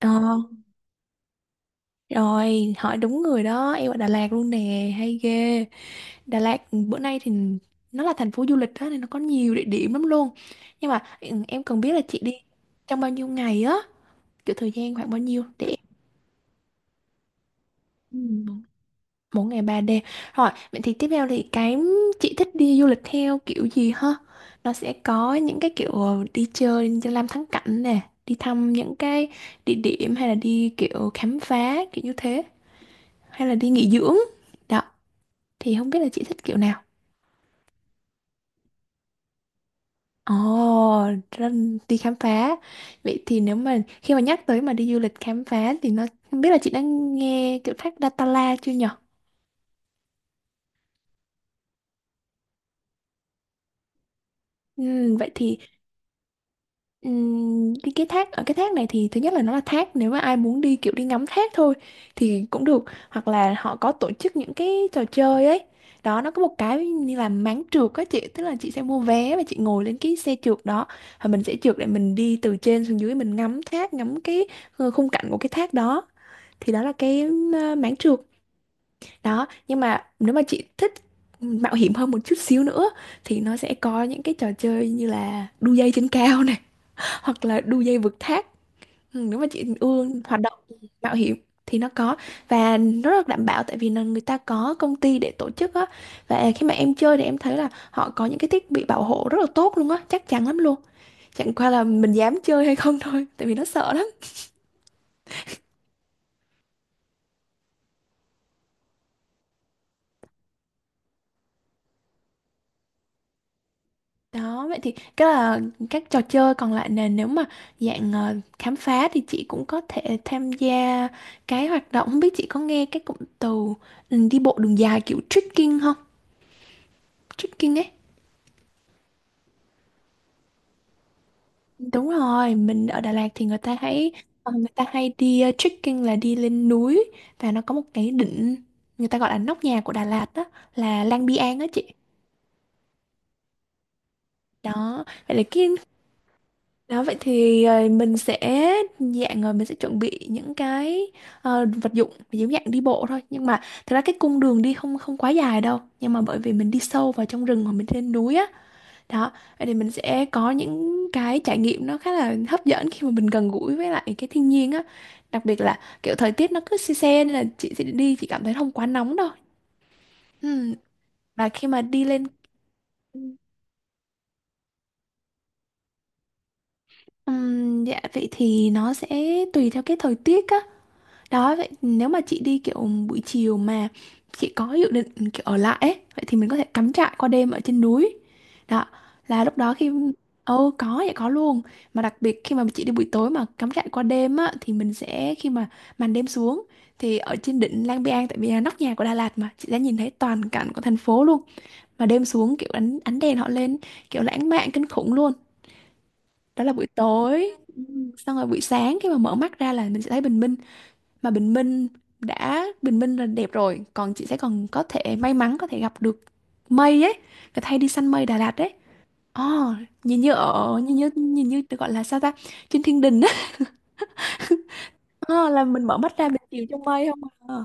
Ờ, Rồi hỏi đúng người đó, em ở Đà Lạt luôn nè, hay ghê. Đà Lạt bữa nay thì nó là thành phố du lịch đó, nên nó có nhiều địa điểm lắm luôn. Nhưng mà em cần biết là chị đi trong bao nhiêu ngày á, kiểu thời gian khoảng bao nhiêu để em. Ừ, bốn bốn ngày 3 đêm rồi. Vậy thì tiếp theo thì cái chị thích đi du lịch theo kiểu gì ha? Nó sẽ có những cái kiểu đi chơi, đi làm thắng cảnh nè, đi thăm những cái địa điểm, hay là đi kiểu khám phá kiểu như thế, hay là đi nghỉ dưỡng đó. Thì không biết là chị thích kiểu nào? Ồ, đi khám phá. Vậy thì nếu mà khi mà nhắc tới mà đi du lịch khám phá thì nó, không biết là chị đã nghe kiểu thác Datanla chưa nhở? Ừ, vậy thì. Cái thác, ở cái thác này thì thứ nhất là nó là thác, nếu mà ai muốn đi kiểu đi ngắm thác thôi thì cũng được, hoặc là họ có tổ chức những cái trò chơi ấy. Đó, nó có một cái như là máng trượt á chị, tức là chị sẽ mua vé và chị ngồi lên cái xe trượt đó, và mình sẽ trượt để mình đi từ trên xuống dưới, mình ngắm thác, ngắm cái khung cảnh của cái thác đó. Thì đó là cái máng trượt đó. Nhưng mà nếu mà chị thích mạo hiểm hơn một chút xíu nữa thì nó sẽ có những cái trò chơi như là đu dây trên cao, hoặc là đu dây vượt thác. Nếu mà chị ưa hoạt động mạo hiểm thì nó có, và nó rất đảm bảo tại vì là người ta có công ty để tổ chức á, và khi mà em chơi thì em thấy là họ có những cái thiết bị bảo hộ rất là tốt luôn á, chắc chắn lắm luôn. Chẳng qua là mình dám chơi hay không thôi, tại vì nó sợ lắm. Đó, vậy thì cái là các trò chơi còn lại nè, nếu mà dạng khám phá thì chị cũng có thể tham gia. Cái hoạt động, không biết chị có nghe cái cụm từ đi bộ đường dài kiểu trekking không, trekking ấy. Đúng rồi, mình ở Đà Lạt thì người ta hay đi trekking, là đi lên núi, và nó có một cái đỉnh người ta gọi là nóc nhà của Đà Lạt đó, là Lang Biang á chị. Đó, vậy là cái đó, vậy thì mình sẽ dạng rồi, mình sẽ chuẩn bị những cái vật dụng giống dạng đi bộ thôi. Nhưng mà thực ra cái cung đường đi không không quá dài đâu, nhưng mà bởi vì mình đi sâu vào trong rừng hoặc mình lên núi á. Đó, vậy thì mình sẽ có những cái trải nghiệm nó khá là hấp dẫn khi mà mình gần gũi với lại cái thiên nhiên á. Đặc biệt là kiểu thời tiết nó cứ se se, nên là chị sẽ đi chị cảm thấy không quá nóng đâu. Ừm, Và khi mà đi lên. Dạ, vậy thì nó sẽ tùy theo cái thời tiết á. Đó, vậy nếu mà chị đi kiểu buổi chiều mà chị có dự định kiểu ở lại ấy, vậy thì mình có thể cắm trại qua đêm ở trên núi. Đó, là lúc đó khi. Ồ, có, vậy có luôn. Mà đặc biệt khi mà chị đi buổi tối mà cắm trại qua đêm á, thì mình sẽ, khi mà màn đêm xuống thì ở trên đỉnh Lang Biang, tại vì là nóc nhà của Đà Lạt mà, chị sẽ nhìn thấy toàn cảnh của thành phố luôn. Mà đêm xuống kiểu ánh đèn họ lên, kiểu lãng mạn kinh khủng luôn. Đó là buổi tối. Ừ, Xong rồi buổi sáng khi mà mở mắt ra là mình sẽ thấy bình minh, mà bình minh, đã bình minh là đẹp rồi, còn chị sẽ còn có thể may mắn, có thể gặp được mây ấy, người ta đi săn mây Đà Lạt đấy. Ồ, nhìn như ở nhìn như được gọi là sao ta, trên thiên đình á. Ờ, là mình mở mắt ra mình chiều trong mây không. À,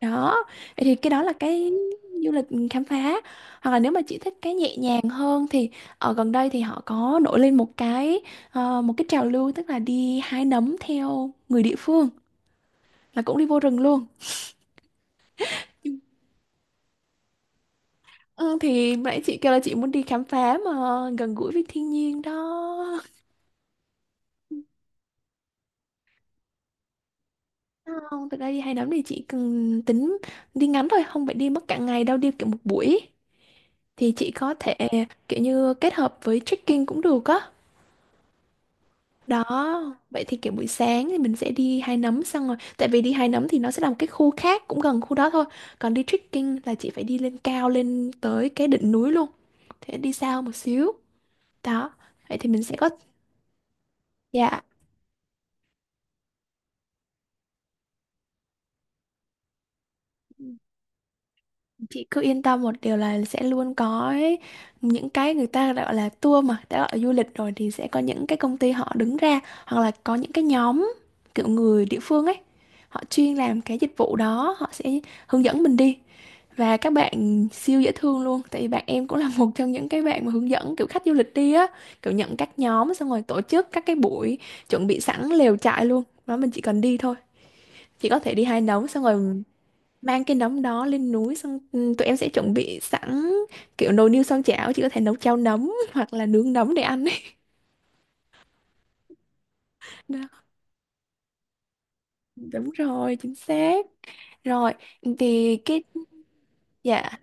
đó, vậy thì cái đó là cái du lịch khám phá, hoặc là nếu mà chị thích cái nhẹ nhàng hơn thì ở gần đây thì họ có nổi lên một cái trào lưu, tức là đi hái nấm theo người địa phương, là cũng đi vô rừng luôn. Ừ, thì nãy chị kêu là chị muốn đi khám phá mà gần gũi với thiên nhiên đó. Không, thực ra đi hay lắm, thì chị cần tính, đi ngắn thôi, không phải đi mất cả ngày đâu, đi kiểu một buổi. Thì chị có thể kiểu như kết hợp với trekking cũng được á. Đó. Vậy thì kiểu buổi sáng thì mình sẽ đi Hai Nấm xong rồi. Tại vì đi Hai Nấm thì nó sẽ là một cái khu khác cũng gần khu đó thôi. Còn đi trekking là chị phải đi lên cao, lên tới cái đỉnh núi luôn. Thế đi xa một xíu. Đó, vậy thì mình sẽ có... Dạ. Chị cứ yên tâm một điều là sẽ luôn có ấy, những cái người ta gọi là tour mà, đã gọi là du lịch rồi thì sẽ có những cái công ty họ đứng ra, hoặc là có những cái nhóm kiểu người địa phương ấy, họ chuyên làm cái dịch vụ đó, họ sẽ hướng dẫn mình đi. Và các bạn siêu dễ thương luôn, tại vì bạn em cũng là một trong những cái bạn mà hướng dẫn kiểu khách du lịch đi á, kiểu nhận các nhóm xong rồi tổ chức các cái buổi, chuẩn bị sẵn lều trại luôn đó, mình chỉ cần đi thôi. Chị có thể đi hai đống xong rồi mang cái nấm đó lên núi xong, tụi em sẽ chuẩn bị sẵn kiểu nồi niêu xoong chảo, chị có thể nấu cháo nấm hoặc là nướng nấm để ăn ấy. Đó, đúng rồi chính xác. Rồi thì cái, dạ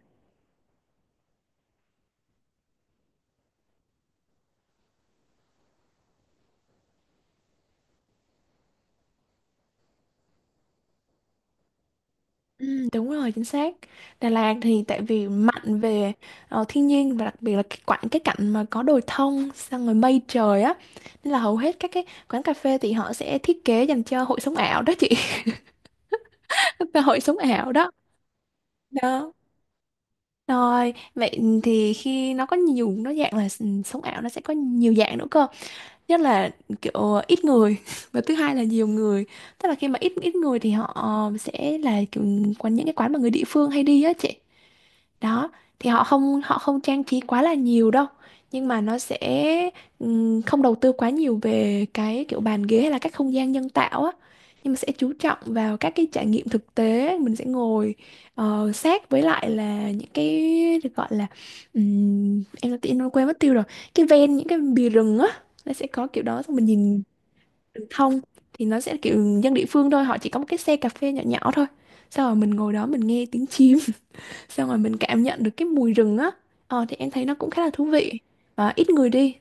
ừ, đúng rồi chính xác. Đà Lạt thì tại vì mạnh về thiên nhiên, và đặc biệt là cái cái cạnh mà có đồi thông xong rồi mây trời á, nên là hầu hết các cái quán cà phê thì họ sẽ thiết kế dành cho hội sống ảo đó chị. Và hội sống ảo đó đó. Rồi, vậy thì khi nó có nhiều, nó dạng là sống ảo, nó sẽ có nhiều dạng nữa cơ. Nhất là kiểu ít người và thứ hai là nhiều người. Tức là khi mà ít ít người thì họ sẽ là kiểu những cái quán mà người địa phương hay đi á chị. Đó, thì họ không trang trí quá là nhiều đâu, nhưng mà nó sẽ không đầu tư quá nhiều về cái kiểu bàn ghế hay là các không gian nhân tạo á, nhưng mà sẽ chú trọng vào các cái trải nghiệm thực tế. Mình sẽ ngồi sát với lại là những cái được gọi là em đã tin quên mất tiêu rồi, cái ven những cái bìa rừng á, nó sẽ có kiểu đó, xong mình nhìn rừng thông. Thì nó sẽ kiểu dân địa phương thôi, họ chỉ có một cái xe cà phê nhỏ nhỏ thôi, sau rồi mình ngồi đó, mình nghe tiếng chim, xong rồi mình cảm nhận được cái mùi rừng á. Thì em thấy nó cũng khá là thú vị và ít người đi.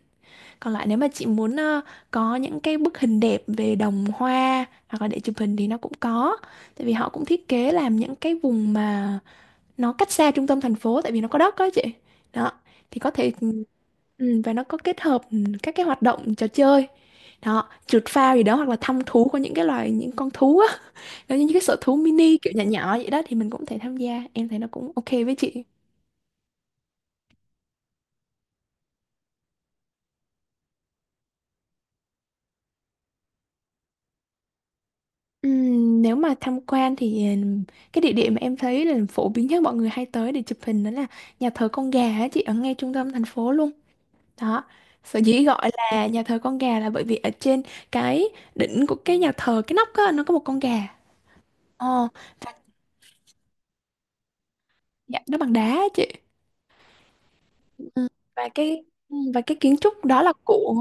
Còn lại nếu mà chị muốn có những cái bức hình đẹp về đồng hoa hoặc là để chụp hình thì nó cũng có, tại vì họ cũng thiết kế làm những cái vùng mà nó cách xa trung tâm thành phố, tại vì nó có đất đó chị. Đó, thì có thể và nó có kết hợp các cái hoạt động trò chơi đó, trượt phao gì đó, hoặc là thăm thú của những cái loài những con thú á. Nó như những cái sở thú mini kiểu nhỏ nhỏ vậy đó, thì mình cũng có thể tham gia, em thấy nó cũng ok với chị. Nếu mà tham quan thì cái địa điểm mà em thấy là phổ biến nhất mọi người hay tới để chụp hình đó là nhà thờ con gà á chị, ở ngay trung tâm thành phố luôn. Đó, sở dĩ gọi là nhà thờ con gà là bởi vì ở trên cái đỉnh của cái nhà thờ cái nóc á, nó có một con gà. Ờ và Dạ, nó bằng đá á chị. Ừ. và cái và cái kiến trúc đó là của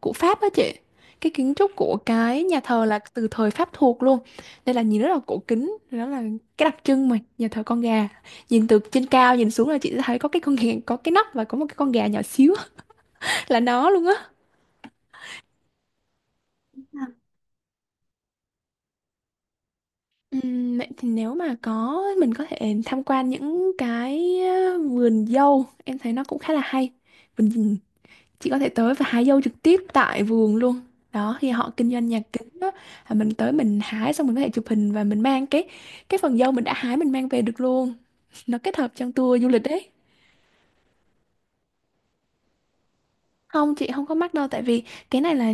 của Pháp đó chị. Cái kiến trúc của cái nhà thờ là từ thời Pháp thuộc luôn, nên là nhìn rất là cổ kính. Đó là cái đặc trưng mà nhà thờ con gà, nhìn từ trên cao nhìn xuống là chị sẽ thấy có cái con gà, có cái nóc và có một cái con gà nhỏ xíu là nó luôn á. Vậy thì nếu mà có, mình có thể tham quan những cái vườn dâu, em thấy nó cũng khá là hay. Vườn, chị có thể tới và hái dâu trực tiếp tại vườn luôn đó, khi họ kinh doanh nhà kính đó, là mình tới mình hái xong mình có thể chụp hình và mình mang cái phần dâu mình đã hái mình mang về được luôn, nó kết hợp trong tour du lịch đấy. Không chị, không có mắc đâu, tại vì cái này là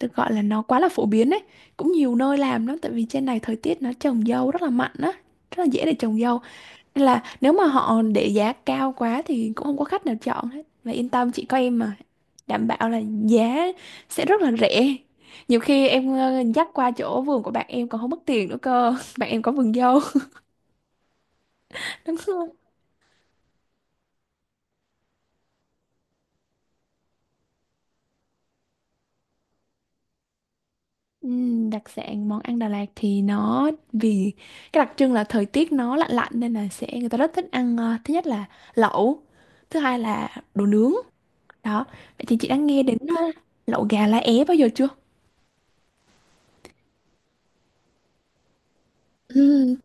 được gọi là nó quá là phổ biến đấy, cũng nhiều nơi làm lắm tại vì trên này thời tiết nó trồng dâu rất là mạnh á, rất là dễ để trồng dâu. Nên là nếu mà họ để giá cao quá thì cũng không có khách nào chọn hết. Và yên tâm, chị có em mà. Đảm bảo là giá sẽ rất là rẻ. Nhiều khi em dắt qua chỗ vườn của bạn em còn không mất tiền nữa cơ. Bạn em có vườn dâu. Đúng không? Đặc sản món ăn Đà Lạt thì nó vì cái đặc trưng là thời tiết nó lạnh lạnh nên là sẽ người ta rất thích ăn, thứ nhất là lẩu, thứ hai là đồ nướng. Đó. Vậy thì chị đã nghe đến lẩu gà lá é bao giờ chưa? Ừm,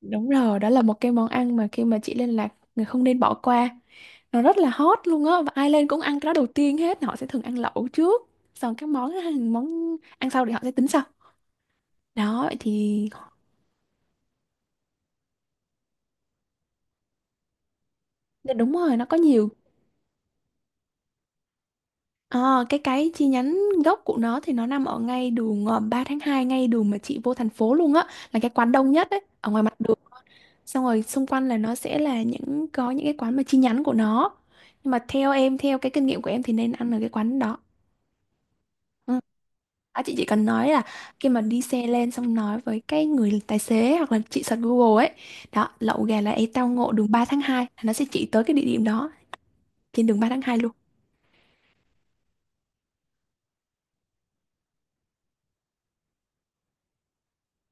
Đúng rồi, đó là một cái món ăn mà khi mà chị lên Lạc người không nên bỏ qua. Nó rất là hot luôn á, và ai lên cũng ăn cái đó đầu tiên hết, họ sẽ thường ăn lẩu trước, xong các món món ăn sau thì họ sẽ tính sau. Đó thì dạ đúng rồi, nó có nhiều. Ờ, cái chi nhánh gốc của nó thì nó nằm ở ngay đường 3/2, ngay đường mà chị vô thành phố luôn á, là cái quán đông nhất ấy, ở ngoài mặt đường. Xong rồi xung quanh là nó sẽ là có những cái quán mà chi nhánh của nó. Nhưng mà theo em, theo cái kinh nghiệm của em thì nên ăn ở cái quán đó. Ừ. À, chị chỉ cần nói là khi mà đi xe lên xong nói với cái người tài xế hoặc là chị search Google ấy, đó lậu gà là ấy tao ngộ đường 3/2, là nó sẽ chỉ tới cái địa điểm đó, trên đường 3/2 luôn.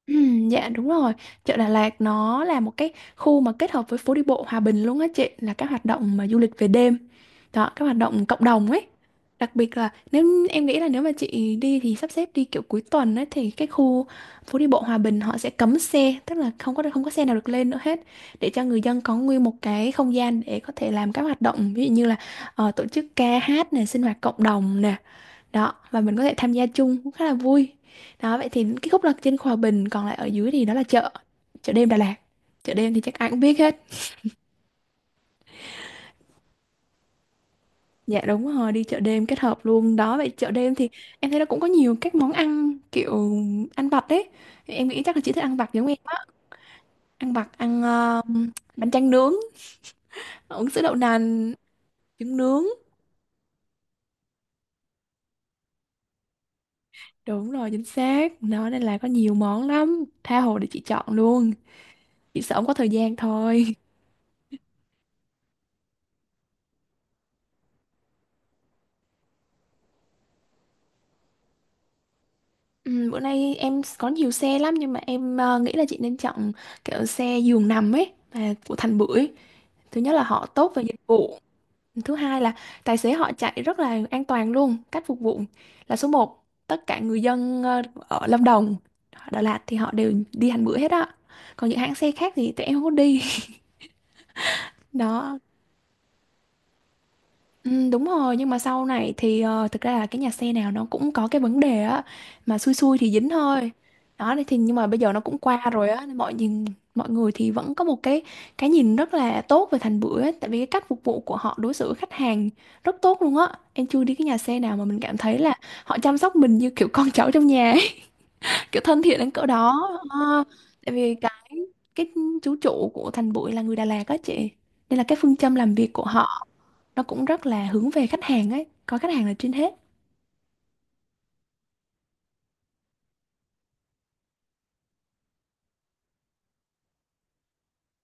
Dạ đúng rồi, chợ Đà Lạt nó là một cái khu mà kết hợp với phố đi bộ Hòa Bình luôn á chị, là các hoạt động mà du lịch về đêm. Đó, các hoạt động cộng đồng ấy. Đặc biệt là nếu em nghĩ là nếu mà chị đi thì sắp xếp đi kiểu cuối tuần ấy, thì cái khu phố đi bộ Hòa Bình họ sẽ cấm xe, tức là không có xe nào được lên nữa hết, để cho người dân có nguyên một cái không gian để có thể làm các hoạt động, ví dụ như là tổ chức ca hát này, sinh hoạt cộng đồng nè. Đó, và mình có thể tham gia chung cũng khá là vui. Đó, vậy thì cái khúc là trên Hòa Bình, còn lại ở dưới thì đó là chợ, chợ đêm Đà Lạt. Chợ đêm thì chắc ai cũng biết hết. Dạ đúng rồi, đi chợ đêm kết hợp luôn đó. Vậy chợ đêm thì em thấy nó cũng có nhiều các món ăn kiểu ăn vặt đấy. Thì em nghĩ chắc là chị thích ăn vặt giống em á. Ăn vặt, ăn bánh tráng nướng, uống sữa đậu nành, trứng nướng. Đúng rồi, chính xác. Nó nên là có nhiều món lắm. Tha hồ để chị chọn luôn. Chị sợ không có thời gian thôi. Ừ, bữa nay em có nhiều xe lắm nhưng mà em nghĩ là chị nên chọn kiểu xe giường nằm ấy, và của Thành Bưởi. Thứ nhất là họ tốt về dịch vụ. Thứ hai là tài xế họ chạy rất là an toàn luôn, cách phục vụ là số một. Tất cả người dân ở Lâm Đồng, Đà Lạt thì họ đều đi hành bữa hết á. Còn những hãng xe khác thì tụi em không có đi. Đó, ừ, đúng rồi nhưng mà sau này thì thực ra là cái nhà xe nào nó cũng có cái vấn đề á, mà xui xui thì dính thôi đó thì. Nhưng mà bây giờ nó cũng qua rồi á nên mọi nhìn, mọi người thì vẫn có một cái nhìn rất là tốt về Thành Bưởi ấy, tại vì cái cách phục vụ của họ đối xử với khách hàng rất tốt luôn á, em chưa đi cái nhà xe nào mà mình cảm thấy là họ chăm sóc mình như kiểu con cháu trong nhà ấy. Kiểu thân thiện đến cỡ đó. Ờ, tại vì cái chú chủ của Thành Bưởi là người Đà Lạt á chị, nên là cái phương châm làm việc của họ nó cũng rất là hướng về khách hàng ấy, có khách hàng là trên hết.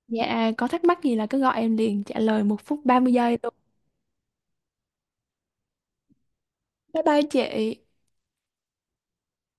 Dạ có thắc mắc gì là cứ gọi em liền, trả lời 1 phút 30 giây luôn. Bye bye chị.